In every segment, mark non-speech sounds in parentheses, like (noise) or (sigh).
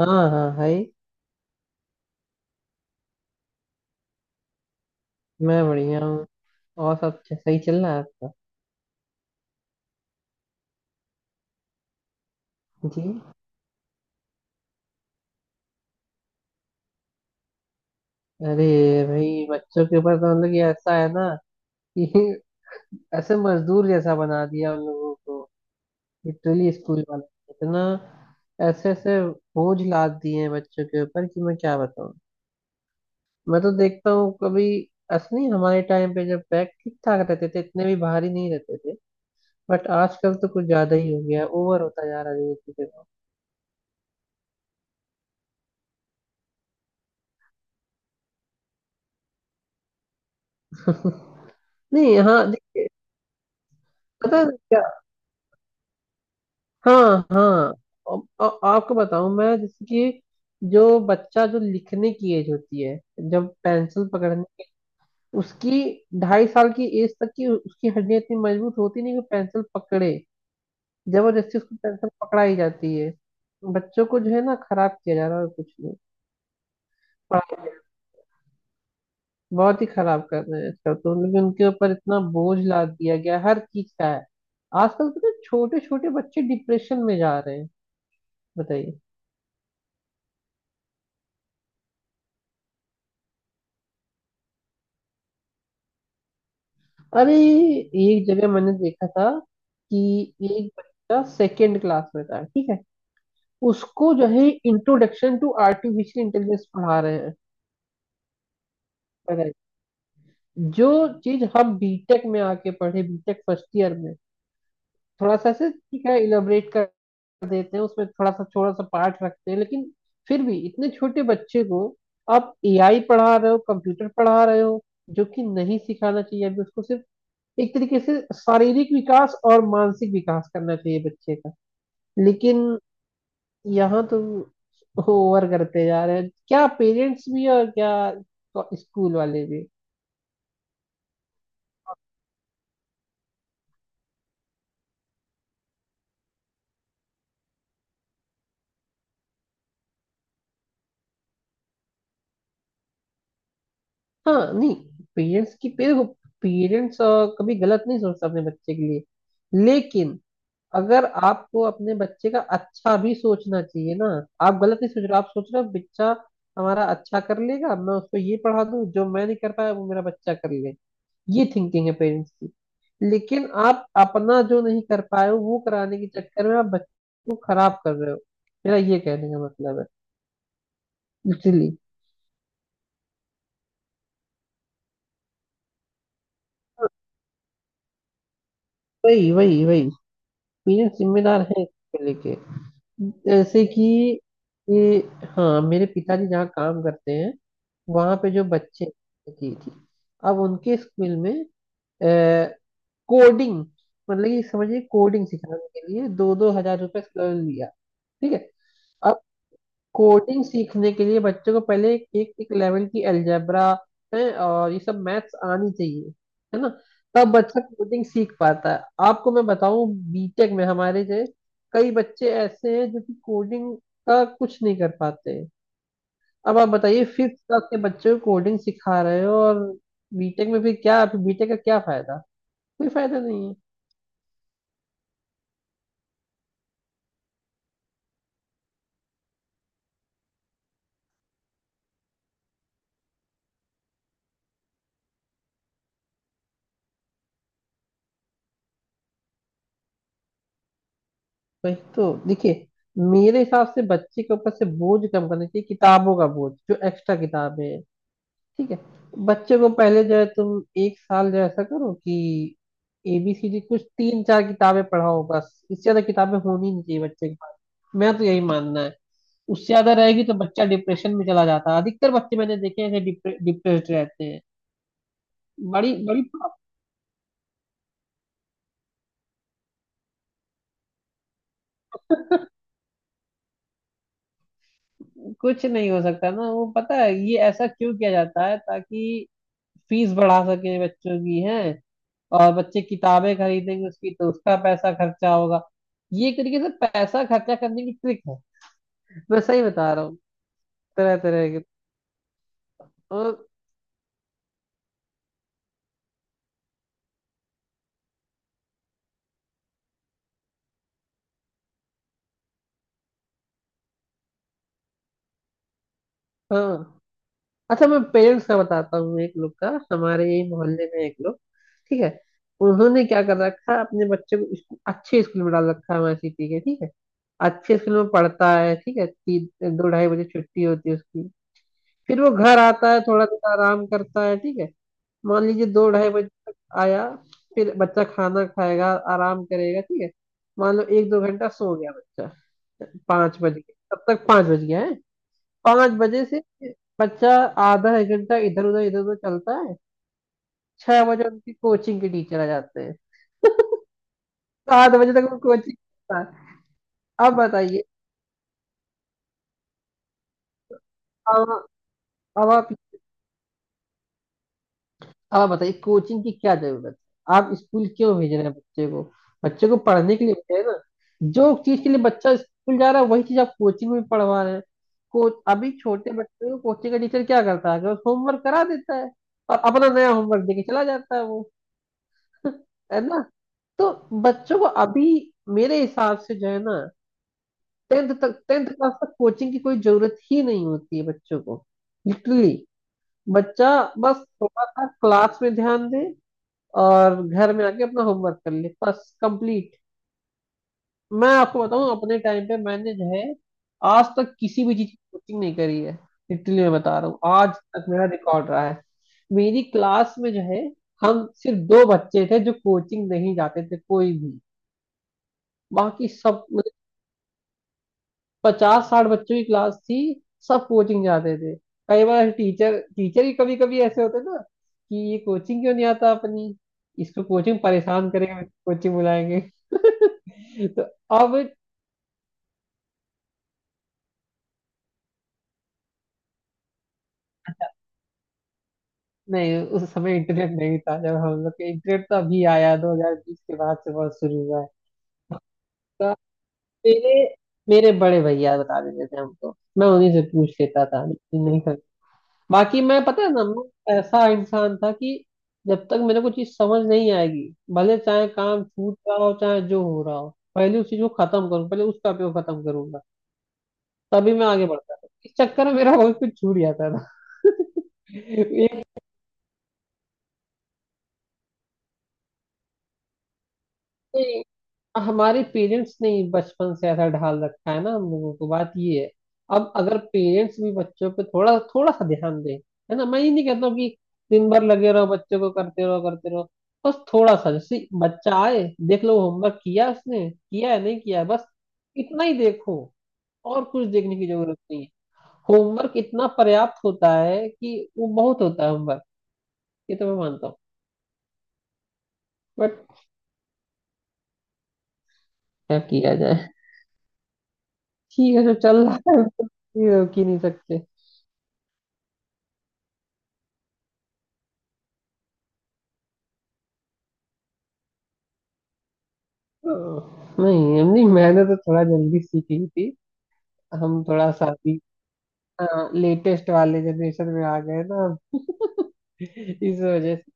हाँ हाँ भाई। मैं बढ़िया हूँ। और सब सही चल रहा है आपका? जी। अरे भाई, बच्चों के ऊपर तो मतलब कि ऐसा है ना कि (laughs) ऐसे मजदूर जैसा बना दिया उन लोगों को। लिटरली स्कूल वाले इतना ऐसे ऐसे बोझ लाद दिए हैं बच्चों के ऊपर कि मैं क्या बताऊँ। मैं तो देखता हूँ कभी। ऐसा नहीं हमारे टाइम पे, जब बैग ठीक ठाक रहते थे, इतने भी भारी नहीं रहते थे। बट आजकल तो कुछ ज्यादा ही हो गया, ओवर होता जा रहा है धीरे धीरे। (laughs) नहीं, हाँ देखिए। पता है क्या? हाँ हाँ। अब आपको बताऊं मैं, जैसे कि जो बच्चा जो लिखने की एज होती है, जब पेंसिल पकड़ने की उसकी, ढाई साल की एज तक की उसकी हड्डियां इतनी मजबूत होती नहीं कि पेंसिल पकड़े। जबरदस्ती उसको पेंसिल पकड़ाई जाती है। बच्चों को जो है ना खराब किया जा रहा है और कुछ नहीं। पढ़ाई में बहुत ही खराब कर रहे हैं आजकल तो, लेकिन उनके ऊपर इतना बोझ लाद दिया गया है, हर चीज का है। आजकल तो छोटे छोटे बच्चे डिप्रेशन में जा रहे हैं। बताइए। अरे एक जगह मैंने देखा था कि एक बच्चा सेकेंड क्लास में था, ठीक है, उसको जो है इंट्रोडक्शन टू आर्टिफिशियल इंटेलिजेंस पढ़ा रहे हैं। पढ़ाए। जो चीज हम बीटेक में आके पढ़े, बीटेक फर्स्ट ईयर में, थोड़ा सा ऐसे ठीक है इलेबरेट कर देते हैं, उसमें थोड़ा सा छोटा सा पार्ट रखते हैं, लेकिन फिर भी इतने छोटे बच्चे को आप एआई पढ़ा रहे हो, कंप्यूटर पढ़ा रहे हो, जो कि नहीं सिखाना चाहिए अभी उसको। सिर्फ एक तरीके से शारीरिक विकास और मानसिक विकास करना चाहिए बच्चे का। लेकिन यहाँ तो ओवर करते जा रहे हैं, क्या पेरेंट्स भी और क्या स्कूल वाले भी। हाँ नहीं, पेरेंट्स की, पेरेंट्स कभी गलत नहीं सोचता अपने बच्चे के लिए। लेकिन अगर आपको अपने बच्चे का अच्छा भी सोचना चाहिए ना, आप गलत नहीं सोच रहे, आप सोच रहे हो बच्चा हमारा अच्छा कर लेगा, मैं उसको ये पढ़ा दूं जो मैं नहीं कर पाया वो मेरा बच्चा कर ले। ये थिंकिंग है पेरेंट्स की। लेकिन आप अपना जो नहीं कर पाए हो वो कराने के चक्कर में आप बच्चों को खराब कर रहे हो। मेरा ये कहने का मतलब है। इसीलिए वही वही वही पेरेंट्स जिम्मेदार है इसको लेके, जैसे कि ये, हाँ मेरे पिताजी जहाँ काम करते हैं वहां पे जो बच्चे की थी, अब उनके स्कूल में कोडिंग, मतलब कि समझिए कोडिंग सिखाने के लिए दो दो हजार रुपए लिया। ठीक है। कोडिंग सीखने के लिए बच्चों को पहले एक एक, एक लेवल की अलजेब्रा है, और ये सब मैथ्स आनी चाहिए, है ना? तब बच्चा कोडिंग सीख पाता है। आपको मैं बताऊं, बीटेक में हमारे जो कई बच्चे ऐसे हैं जो कि कोडिंग का कुछ नहीं कर पाते हैं। अब आप बताइए फिफ्थ क्लास के बच्चों को कोडिंग सिखा रहे हो, और बीटेक में फिर क्या, बीटेक का क्या फायदा? कोई फायदा नहीं है। वही तो देखिए, मेरे हिसाब से बच्चे के ऊपर से बोझ कम करना चाहिए, किताबों का बोझ, जो एक्स्ट्रा किताबें हैं। ठीक है। बच्चे को पहले जो है तुम एक साल जो ऐसा करो कि एबीसीडी कुछ तीन चार किताबें पढ़ाओ, बस, इससे ज्यादा किताबें होनी नहीं चाहिए बच्चे के पास। मैं तो यही मानना है। उससे ज्यादा रहेगी तो बच्चा डिप्रेशन में चला जाता है। अधिकतर बच्चे मैंने देखे हैं डिप्रेस्ड रहते हैं। बड़ी बड़ी कुछ नहीं हो सकता ना वो। पता है ये ऐसा क्यों किया जाता है? ताकि फीस बढ़ा सके बच्चों की, है, और बच्चे किताबें खरीदेंगे उसकी तो उसका पैसा खर्चा होगा। ये एक तरीके से पैसा खर्चा करने की ट्रिक है, मैं सही बता रहा हूँ। तरह तरह के। और हाँ, अच्छा मैं पेरेंट्स का बताता हूँ, एक लोग का हमारे यही मोहल्ले में, एक लोग, ठीक है, उन्होंने क्या कर रखा है अपने बच्चे को अच्छे स्कूल में डाल रखा है, हमारे सिटी के, ठीक है, अच्छे स्कूल में पढ़ता है, ठीक है। तीन दो ढाई बजे छुट्टी होती है उसकी, फिर वो घर आता है, थोड़ा देर आराम करता है, ठीक है, मान लीजिए दो ढाई बजे तक आया, फिर बच्चा खाना खाएगा, आराम करेगा, ठीक है, मान लो एक दो घंटा सो गया बच्चा, पाँच बज गए तब तक, पाँच बज गया है। पाँच बजे से बच्चा आधा एक घंटा इधर उधर चलता है, छह बजे उनकी कोचिंग के टीचर आ जाते हैं। (laughs) सात बजे तक वो कोचिंग। अब बताइए, अब अब आप अब आप बताइए कोचिंग की क्या जरूरत है? आप स्कूल क्यों भेज रहे हैं बच्चे को? बच्चे को पढ़ने के लिए भेज रहे हैं ना? जो चीज के लिए बच्चा स्कूल जा रहा है वही चीज आप कोचिंग में पढ़वा रहे हैं को। अभी छोटे बच्चों को कोचिंग का टीचर क्या करता है कि बस होमवर्क करा देता है और अपना नया होमवर्क देके चला जाता है वो। (laughs) है ना? तो बच्चों को अभी, मेरे हिसाब से जो है ना, टेंथ तक, टेंथ क्लास तक कोचिंग की कोई जरूरत ही नहीं होती है बच्चों को। लिटरली बच्चा बस थोड़ा सा क्लास में ध्यान दे और घर में आके अपना होमवर्क कर ले, बस कंप्लीट। मैं आपको बताऊं, अपने टाइम पे मैंने जो है आज तक किसी भी चीज की कोचिंग नहीं करी है। लिटरली मैं बता रहा हूँ, आज तक मेरा रिकॉर्ड रहा है। मेरी क्लास में जो है हम सिर्फ दो बच्चे थे जो कोचिंग नहीं जाते थे कोई भी, बाकी सब मतलब, पचास साठ बच्चों की क्लास थी, सब कोचिंग जाते थे। कई बार टीचर टीचर ही कभी कभी ऐसे होते ना कि ये कोचिंग क्यों नहीं आता अपनी, इसको कोचिंग परेशान करेगा, कोचिंग बुलाएंगे। (laughs) तो अब नहीं, उस समय इंटरनेट नहीं था जब हम लोग के, इंटरनेट तो अभी आया 2020 के बाद से बहुत शुरू हुआ है। तो मेरे मेरे बड़े भैया बता देते थे हमको, मैं उन्हीं से पूछ लेता था, लेकिन नहीं, बाकी मैं, पता है ना, मैं ऐसा इंसान था कि जब तक मेरे को चीज समझ नहीं आएगी, भले चाहे काम छूट रहा हो, चाहे जो हो रहा हो, पहले उस चीज को खत्म करूँ, पहले उसका उपयोग खत्म करूंगा, तभी मैं आगे बढ़ता था। इस चक्कर में मेरा बहुत कुछ छूट जाता था। (laughs) एक, हमारे पेरेंट्स ने ही बचपन से ऐसा ढाल रखा है ना हम लोगों को, बात ये है। अब अगर पेरेंट्स भी बच्चों पे थोड़ा थोड़ा सा ध्यान दें, है ना, मैं ये नहीं कहता हूँ कि दिन भर लगे रहो बच्चों को, करते रहो, बस थोड़ा सा जैसे बच्चा आए देख लो होमवर्क किया उसने, किया है नहीं किया है, बस इतना ही देखो, और कुछ देखने की जरूरत नहीं है। होमवर्क इतना पर्याप्त होता है कि वो बहुत होता है होमवर्क, ये तो मैं मानता हूँ। बट क्या किया जाए, ठीक है, जो चल रहा है (laughs) उसको कि नहीं सकते। नहीं नहीं, मैंने तो थोड़ा जल्दी सीखी थी। हम थोड़ा सा अभी लेटेस्ट वाले जनरेशन में आ गए ना हम। (laughs) इस वजह से।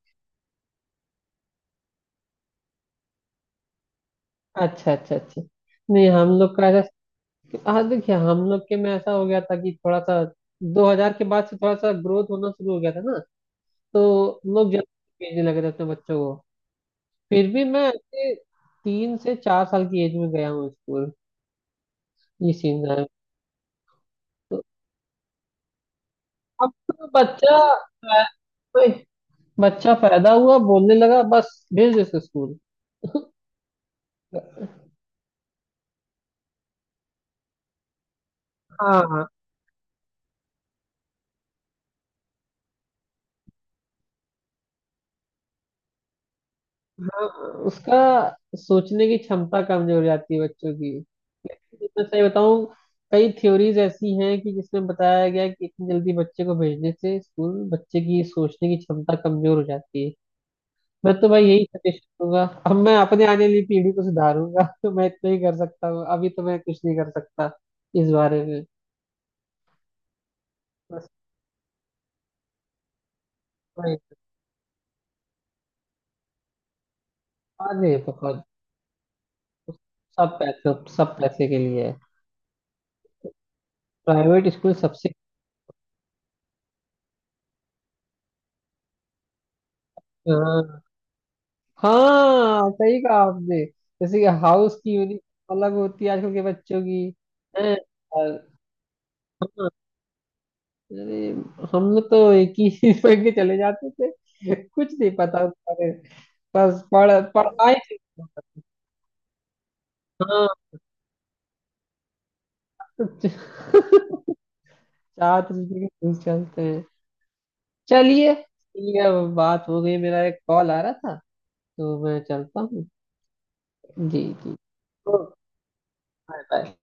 अच्छा अच्छा अच्छा। नहीं हम लोग का ऐसा, हाँ देखिए हम लोग के में ऐसा हो गया था कि थोड़ा सा 2000 के बाद से थोड़ा सा ग्रोथ होना शुरू हो गया था ना, तो लोग जल्दी भेजने लगे थे अपने बच्चों को। फिर भी मैं ऐसे तीन से चार साल की एज में गया हूँ स्कूल, ये सीन है। तो अब तो बच्चा, बच्चा पैदा हुआ बोलने लगा बस भेज दो इसको स्कूल। (laughs) हाँ हाँ। उसका सोचने की क्षमता कमजोर हो जाती है बच्चों की, लेकिन मैं सही बताऊं कई थ्योरीज ऐसी हैं कि जिसमें बताया गया है कि इतनी जल्दी बच्चे को भेजने से स्कूल, बच्चे की सोचने की क्षमता कमजोर हो जाती है। मैं तो भाई यही सजेशन दूंगा, अब मैं अपने आने वाली पीढ़ी को सुधारूंगा। (laughs) तो मैं इतना ही कर सकता हूँ, अभी तो मैं कुछ नहीं कर सकता इस बारे में। बस वही। बाद में पकड़। सब पैसे, सब पैसे के लिए है, प्राइवेट स्कूल सबसे। हाँ हाँ, सही कहा आपने। जैसे कि हाउस की यूनिफॉर्म अलग होती है आजकल के बच्चों की हैं? और हाँ, अरे हम लोग तो एक ही चीज पहन के चले जाते थे, कुछ नहीं पता होता है। बस पढ़ पढ़ाई से होता था। हाँ। (laughs) छात्र जी के टूल्स चलते हैं। चलिए ठीक है, बात हो गई, मेरा एक कॉल आ रहा था तो मैं चलता हूँ। जी जी। Bye bye.